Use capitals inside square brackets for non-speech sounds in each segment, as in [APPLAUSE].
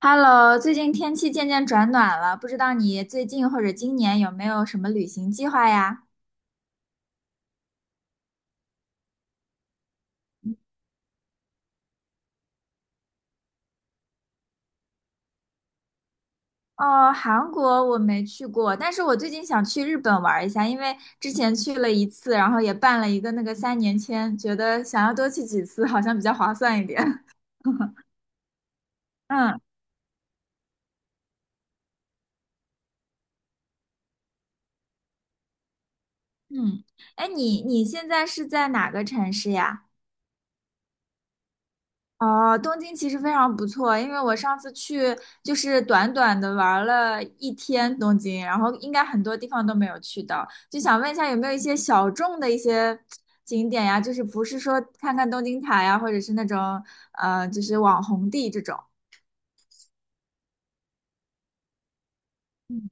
Hello，最近天气渐渐转暖了，不知道你最近或者今年有没有什么旅行计划呀？哦，韩国我没去过，但是我最近想去日本玩一下，因为之前去了一次，然后也办了一个那个3年签，觉得想要多去几次，好像比较划算一点。[LAUGHS] 嗯嗯，哎，你现在是在哪个城市呀？哦，东京其实非常不错，因为我上次去就是短短的玩了一天东京，然后应该很多地方都没有去到，就想问一下有没有一些小众的一些景点呀？就是不是说看看东京塔呀，或者是那种就是网红地这种。嗯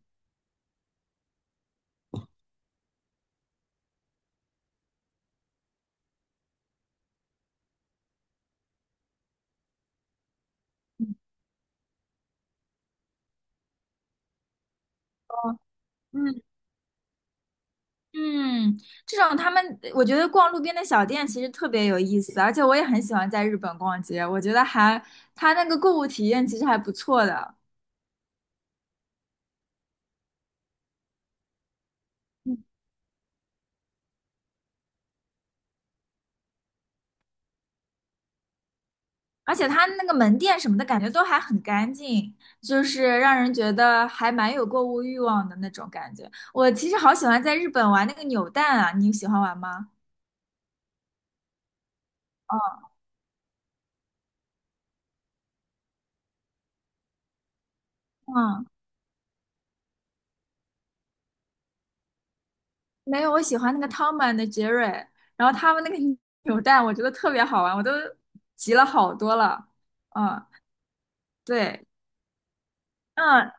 嗯嗯，这种他们我觉得逛路边的小店其实特别有意思，而且我也很喜欢在日本逛街，我觉得它那个购物体验其实还不错的。而且它那个门店什么的感觉都还很干净，就是让人觉得还蛮有购物欲望的那种感觉。我其实好喜欢在日本玩那个扭蛋啊，你喜欢玩吗？嗯，没有，我喜欢那个汤姆的杰瑞，然后他们那个 [LAUGHS] 扭蛋我觉得特别好玩，我都集了好多了。嗯，对，嗯，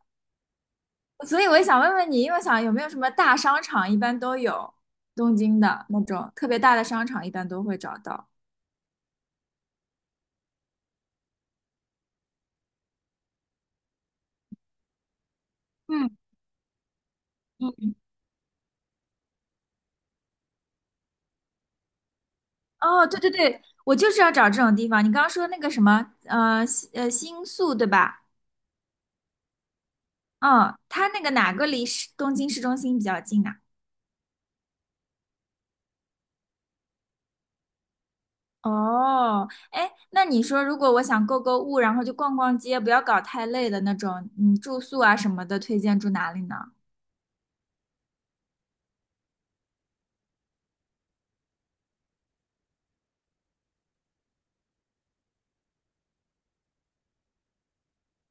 所以我也想问问你，因为我想有没有什么大商场一般都有，东京的那种特别大的商场一般都会找到。嗯嗯，哦，对对对，我就是要找这种地方。你刚刚说那个什么，新宿对吧？嗯，它那个哪个离东京市中心比较近啊？哦，哎，那你说如果我想购物，然后就逛逛街，不要搞太累的那种，嗯，住宿啊什么的，推荐住哪里呢？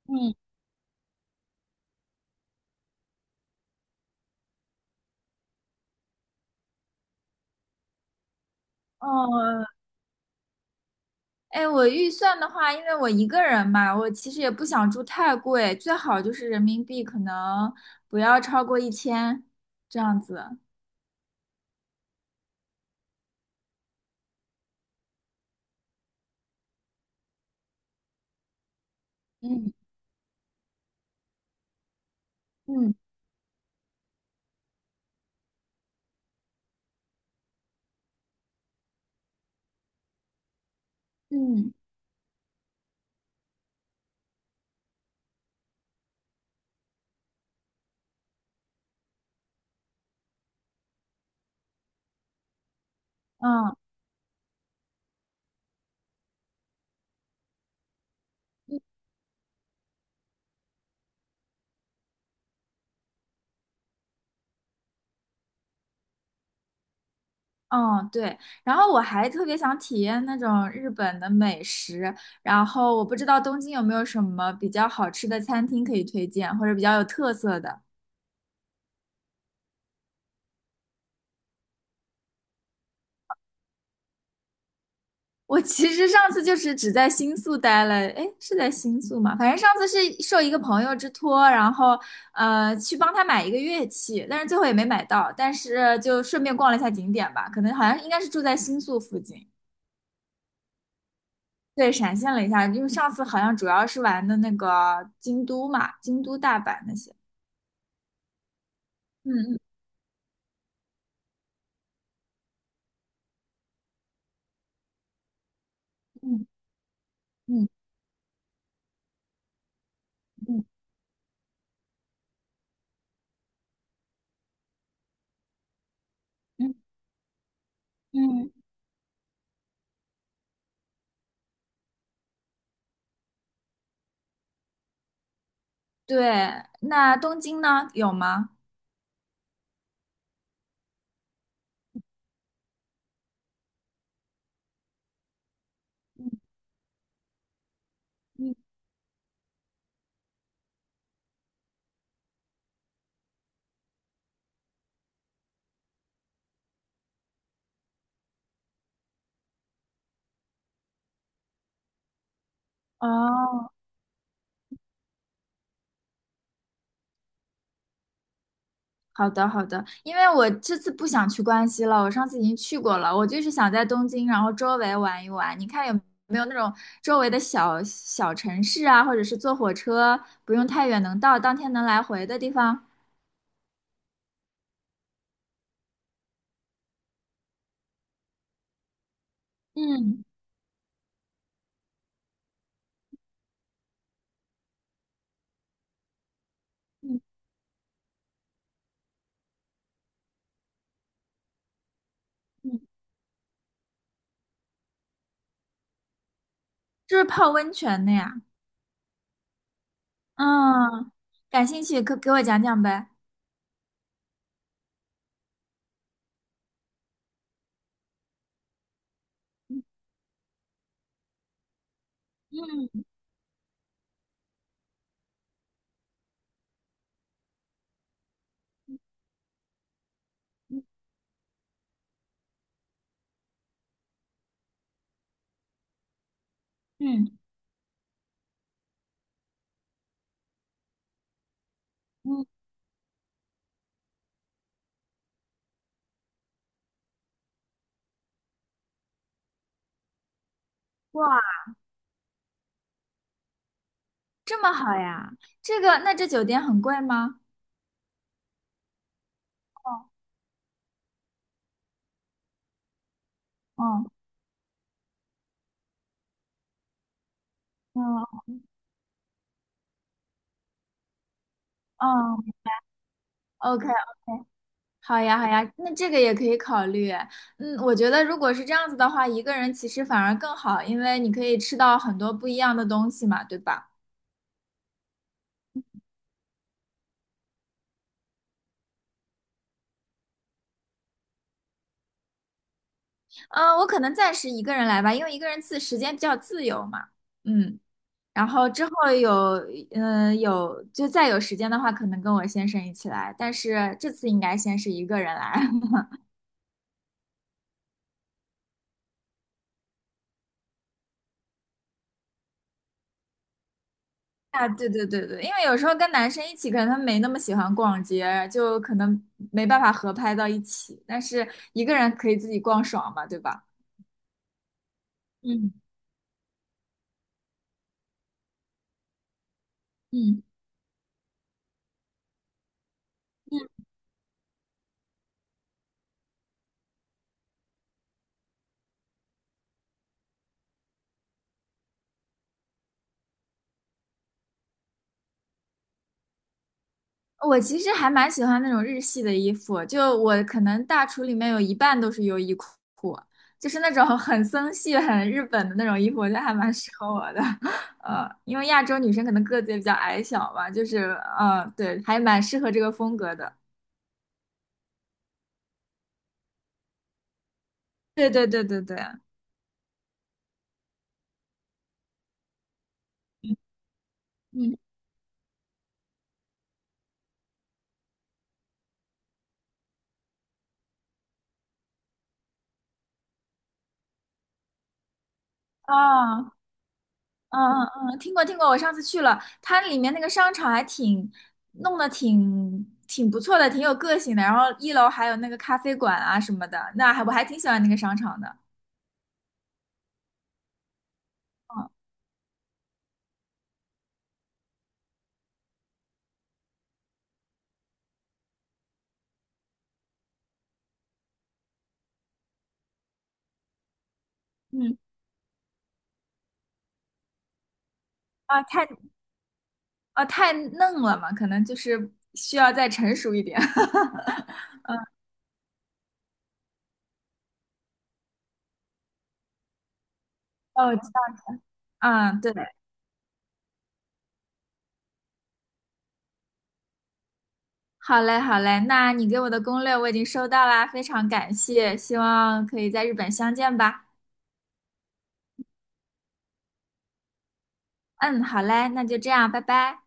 嗯，哦，哎，我预算的话，因为我一个人嘛，我其实也不想住太贵，最好就是人民币可能不要超过1000这样子。嗯嗯嗯。嗯。嗯，对。然后我还特别想体验那种日本的美食，然后我不知道东京有没有什么比较好吃的餐厅可以推荐，或者比较有特色的。我其实上次就是只在新宿待了，诶，是在新宿吗？反正上次是受一个朋友之托，然后去帮他买一个乐器，但是最后也没买到，但是就顺便逛了一下景点吧，可能好像应该是住在新宿附近。对，闪现了一下，因为上次好像主要是玩的那个京都嘛，京都、大阪那些。嗯嗯嗯嗯嗯嗯嗯，对。那东京呢？有吗？嗯哦，好的好的，因为我这次不想去关西了，我上次已经去过了，我就是想在东京，然后周围玩一玩，你看有没有那种周围的小小城市啊，或者是坐火车不用太远能到，当天能来回的地方，嗯嗯嗯，就是泡温泉的呀。嗯，感兴趣，可给我讲讲呗。嗯嗯嗯，哇，这么好呀？这个，那这酒店很贵吗？哦哦哦哦 o k OK，好呀好呀，那这个也可以考虑。嗯，我觉得如果是这样子的话，一个人其实反而更好，因为你可以吃到很多不一样的东西嘛，对吧？嗯，我可能暂时一个人来吧，因为一个人时间比较自由嘛。嗯。然后之后有，嗯、有就再有时间的话，可能跟我先生一起来，但是这次应该先是一个人来。[LAUGHS] 啊，对对对对，因为有时候跟男生一起，可能他们没那么喜欢逛街，就可能没办法合拍到一起，但是一个人可以自己逛爽嘛，对吧？嗯嗯嗯。我其实还蛮喜欢那种日系的衣服，就我可能大橱里面有一半都是优衣库，就是那种很森系、很日本的那种衣服，我觉得还蛮适合我的。[LAUGHS] 因为亚洲女生可能个子也比较矮小嘛，就是对，还蛮适合这个风格的。对对对对对，嗯，啊。嗯嗯嗯，听过听过，我上次去了，它里面那个商场弄得挺不错的，挺有个性的。然后一楼还有那个咖啡馆啊什么的，我还挺喜欢那个商场的。嗯嗯啊，太嫩了嘛，可能就是需要再成熟一点。[LAUGHS] 哦，我知道。嗯，对，好嘞好嘞，那你给我的攻略我已经收到啦，非常感谢，希望可以在日本相见吧。嗯，好嘞，那就这样，拜拜。